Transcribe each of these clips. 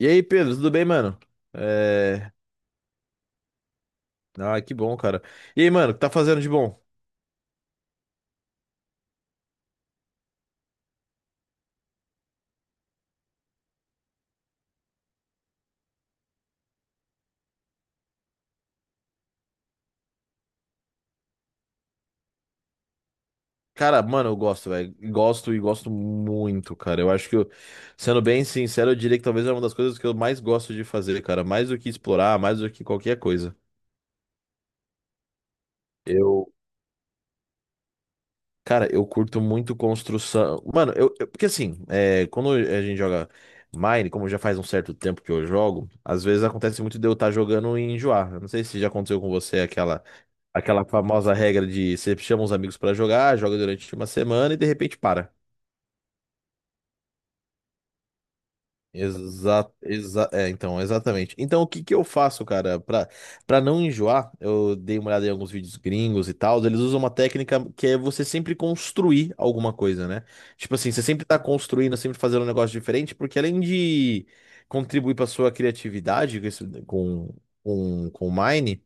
E aí, Pedro, tudo bem, mano? É... Ah, que bom, cara. E aí, mano, o que tá fazendo de bom? Cara, mano, eu gosto, velho. Gosto e gosto muito, cara. Eu acho que, eu- Sendo bem sincero, eu diria que talvez é uma das coisas que eu mais gosto de fazer, cara. Mais do que explorar, mais do que qualquer coisa. Eu, Cara, eu curto muito construção. Mano, porque assim, quando a gente joga Mine, como já faz um certo tempo que eu jogo, às vezes acontece muito de eu estar jogando e enjoar. Eu não sei se já aconteceu com você aquela. Aquela famosa regra de você chama os amigos pra jogar, joga durante uma semana e de repente para. Então, exatamente. Então, o que que eu faço, cara, pra não enjoar? Eu dei uma olhada em alguns vídeos gringos e tal. Eles usam uma técnica que é você sempre construir alguma coisa, né? Tipo assim, você sempre tá construindo, sempre fazendo um negócio diferente, porque além de contribuir pra sua criatividade com, esse- com o Mine,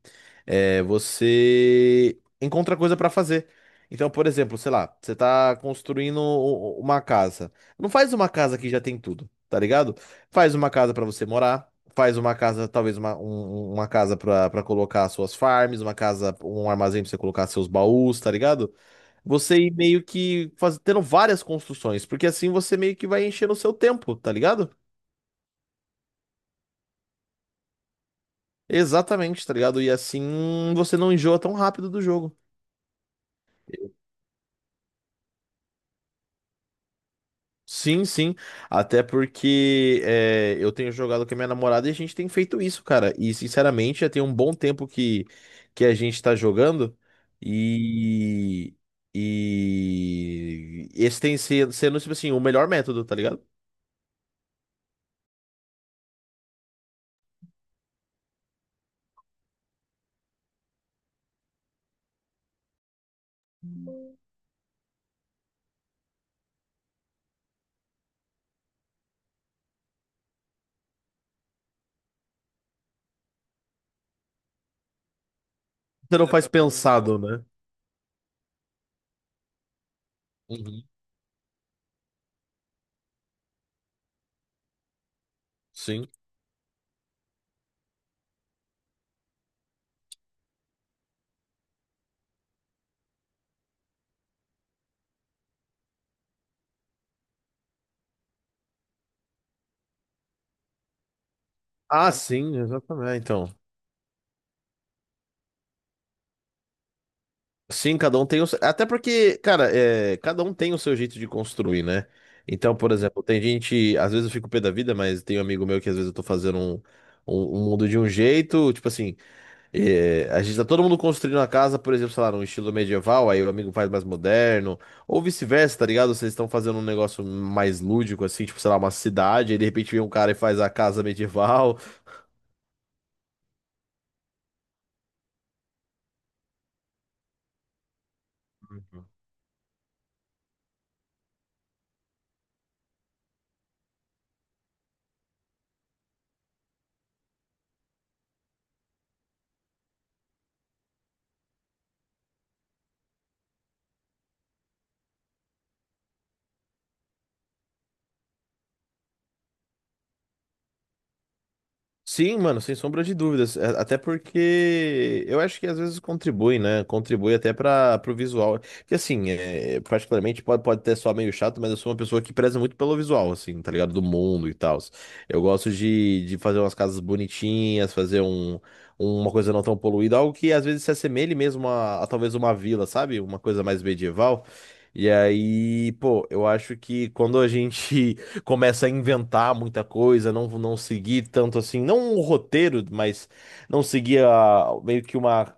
você encontra coisa pra fazer. Então, por exemplo, sei lá, você tá construindo uma casa. Não faz uma casa que já tem tudo, tá ligado? Faz uma casa para você morar, faz uma casa, talvez uma casa para colocar suas farms, uma casa, um armazém para você colocar seus baús, tá ligado? Você ir meio que faz, tendo várias construções, porque assim você meio que vai enchendo o seu tempo, tá ligado? Exatamente, tá ligado? E assim você não enjoa tão rápido do jogo. Sim, sim. Até porque eu tenho jogado com a minha namorada e a gente tem feito isso, cara. E sinceramente, já tem um bom tempo que a gente tá jogando. E, e esse tem sido, sendo, tipo assim, o melhor método, tá ligado? Você não É, faz pensado, né? Uhum. Sim. Ah, sim, exatamente. Então. Sim, cada um tem o seu... Até porque, cara, cada um tem o seu jeito de construir, né? Então, por exemplo, tem gente. Às vezes eu fico pé da vida, mas tem um amigo meu que às vezes eu tô fazendo um mundo de um jeito. Tipo assim, a gente tá todo mundo construindo a casa, por exemplo, sei lá, num estilo medieval, aí o amigo faz mais moderno. Ou vice-versa, tá ligado? Vocês estão fazendo um negócio mais lúdico, assim, tipo, sei lá, uma cidade, aí de repente vem um cara e faz a casa medieval. Sim, mano, sem sombra de dúvidas. É, até porque eu acho que às vezes contribui, né? Contribui até para o visual. Que assim, particularmente pode, pode até soar meio chato, mas eu sou uma pessoa que preza muito pelo visual, assim, tá ligado? Do mundo e tal. Eu gosto de fazer umas casas bonitinhas, fazer um, uma coisa não tão poluída, algo que às vezes se assemelhe mesmo a talvez uma vila, sabe? Uma coisa mais medieval. E aí, pô, eu acho que quando a gente começa a inventar muita coisa, não, não seguir tanto assim, não um roteiro, mas não seguir a- meio que uma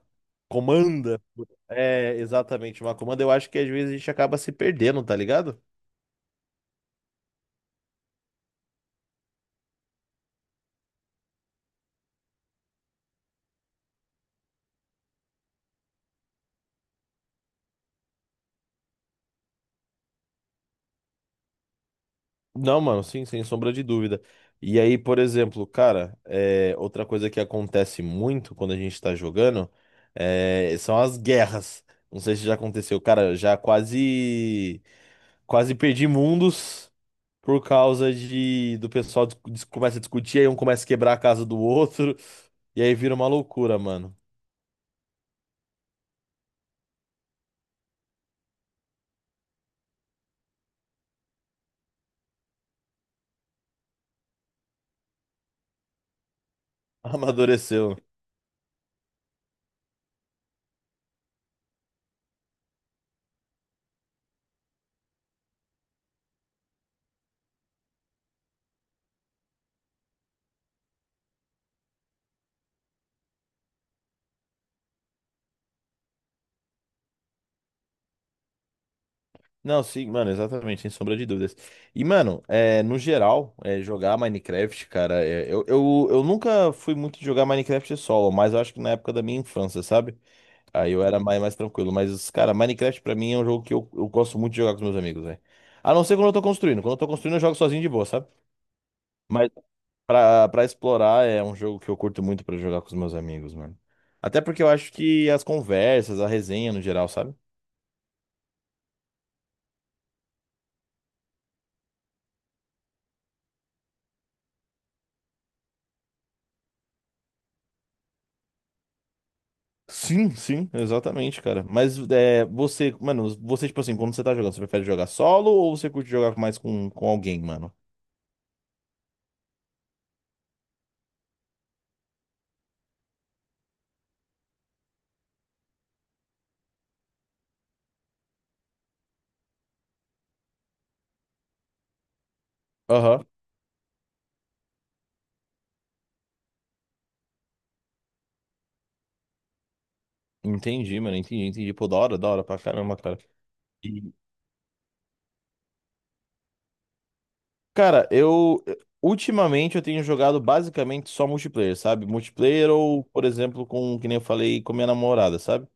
comanda. É, exatamente, uma comanda. Eu acho que às vezes a gente acaba se perdendo, tá ligado? Não, mano, sim, sem sombra de dúvida. E aí, por exemplo, cara, outra coisa que acontece muito quando a gente tá jogando são as guerras. Não sei se já aconteceu, cara, já quase. Quase perdi mundos por causa de do pessoal começa a discutir, aí um começa a quebrar a casa do outro, e aí vira uma loucura, mano. Amadureceu. Não, sim, mano, exatamente, sem sombra de dúvidas. E, mano, no geral, jogar Minecraft, cara, eu nunca fui muito de jogar Minecraft solo, mas eu acho que na época da minha infância, sabe? Aí eu era mais, mais tranquilo. Mas, cara, Minecraft pra mim é um jogo que eu gosto muito de jogar com os meus amigos, velho. A não ser quando eu tô construindo. Quando eu tô construindo, eu jogo sozinho de boa, sabe? mas Pra, pra explorar é um jogo que eu curto muito pra jogar com os meus amigos, mano. Até porque eu acho que as conversas, a resenha no geral, sabe? Sim, sim, exatamente, cara. Mas você, tipo assim, quando você tá jogando, você prefere jogar solo ou você curte jogar mais com alguém, mano? Aham. Entendi, mano, entendi, entendi. Pô, da hora pra caramba, cara. E, cara, eu. Ultimamente eu tenho jogado basicamente só multiplayer, sabe? Multiplayer ou, por exemplo, com, que nem eu falei, com minha namorada, sabe?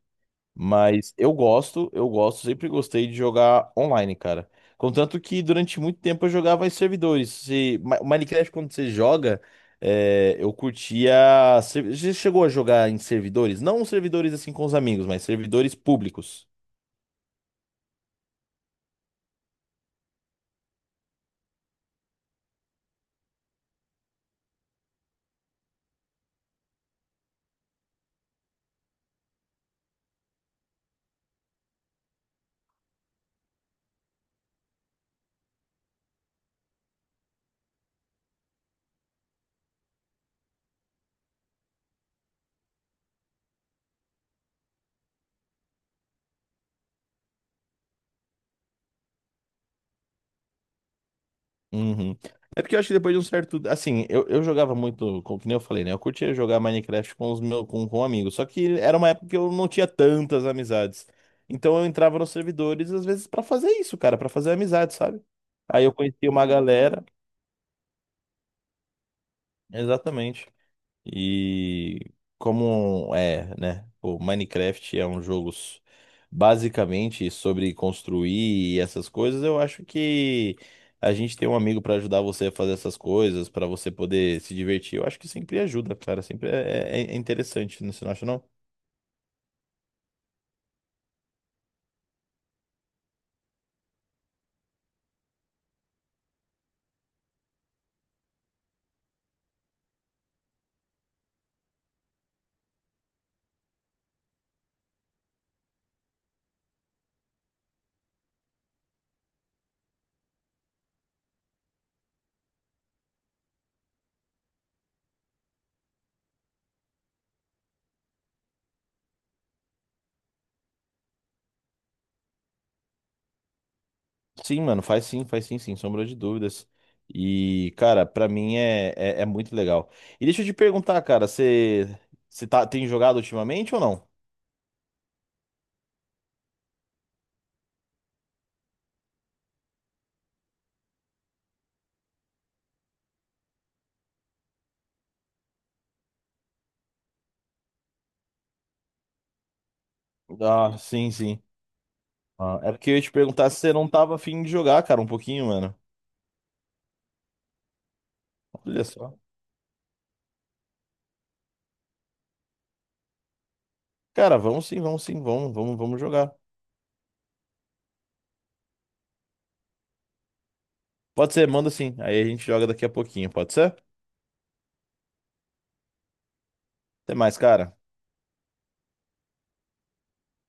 Mas eu gosto, sempre gostei de jogar online, cara. Contanto que durante muito tempo eu jogava em servidores. Se, Ma- Minecraft, quando você joga, eu curtia. Você chegou a jogar em servidores? Não servidores assim com os amigos, mas servidores públicos. Uhum. É porque eu acho que depois de um certo. Assim, eu jogava muito, como que nem eu falei, né? Eu curtia jogar Minecraft com os meus com amigos. Só que era uma época que eu não tinha tantas amizades. Então eu entrava nos servidores, às vezes, pra fazer isso, cara, pra fazer amizade, sabe? Aí eu conheci uma galera. Exatamente. E como é, né? O Minecraft é um jogo basicamente sobre construir e essas coisas, eu acho que a gente tem um amigo pra ajudar você a fazer essas coisas, pra você poder se divertir. Eu acho que sempre ajuda, cara. Sempre é interessante, né? Você não acha, não? Sim, mano, faz sim, sem sombra de dúvidas. E, cara, pra mim é muito legal. E deixa eu te perguntar, cara, você tá, tem jogado ultimamente ou não? Ah, sim, sim. Ah, é porque eu ia te perguntar se você não tava afim de jogar, cara, um pouquinho, mano. Olha só. Cara, vamos sim, vamos sim, vamos, vamos, vamos jogar. Pode ser, manda sim. Aí a gente joga daqui a pouquinho, pode ser? Até mais, cara.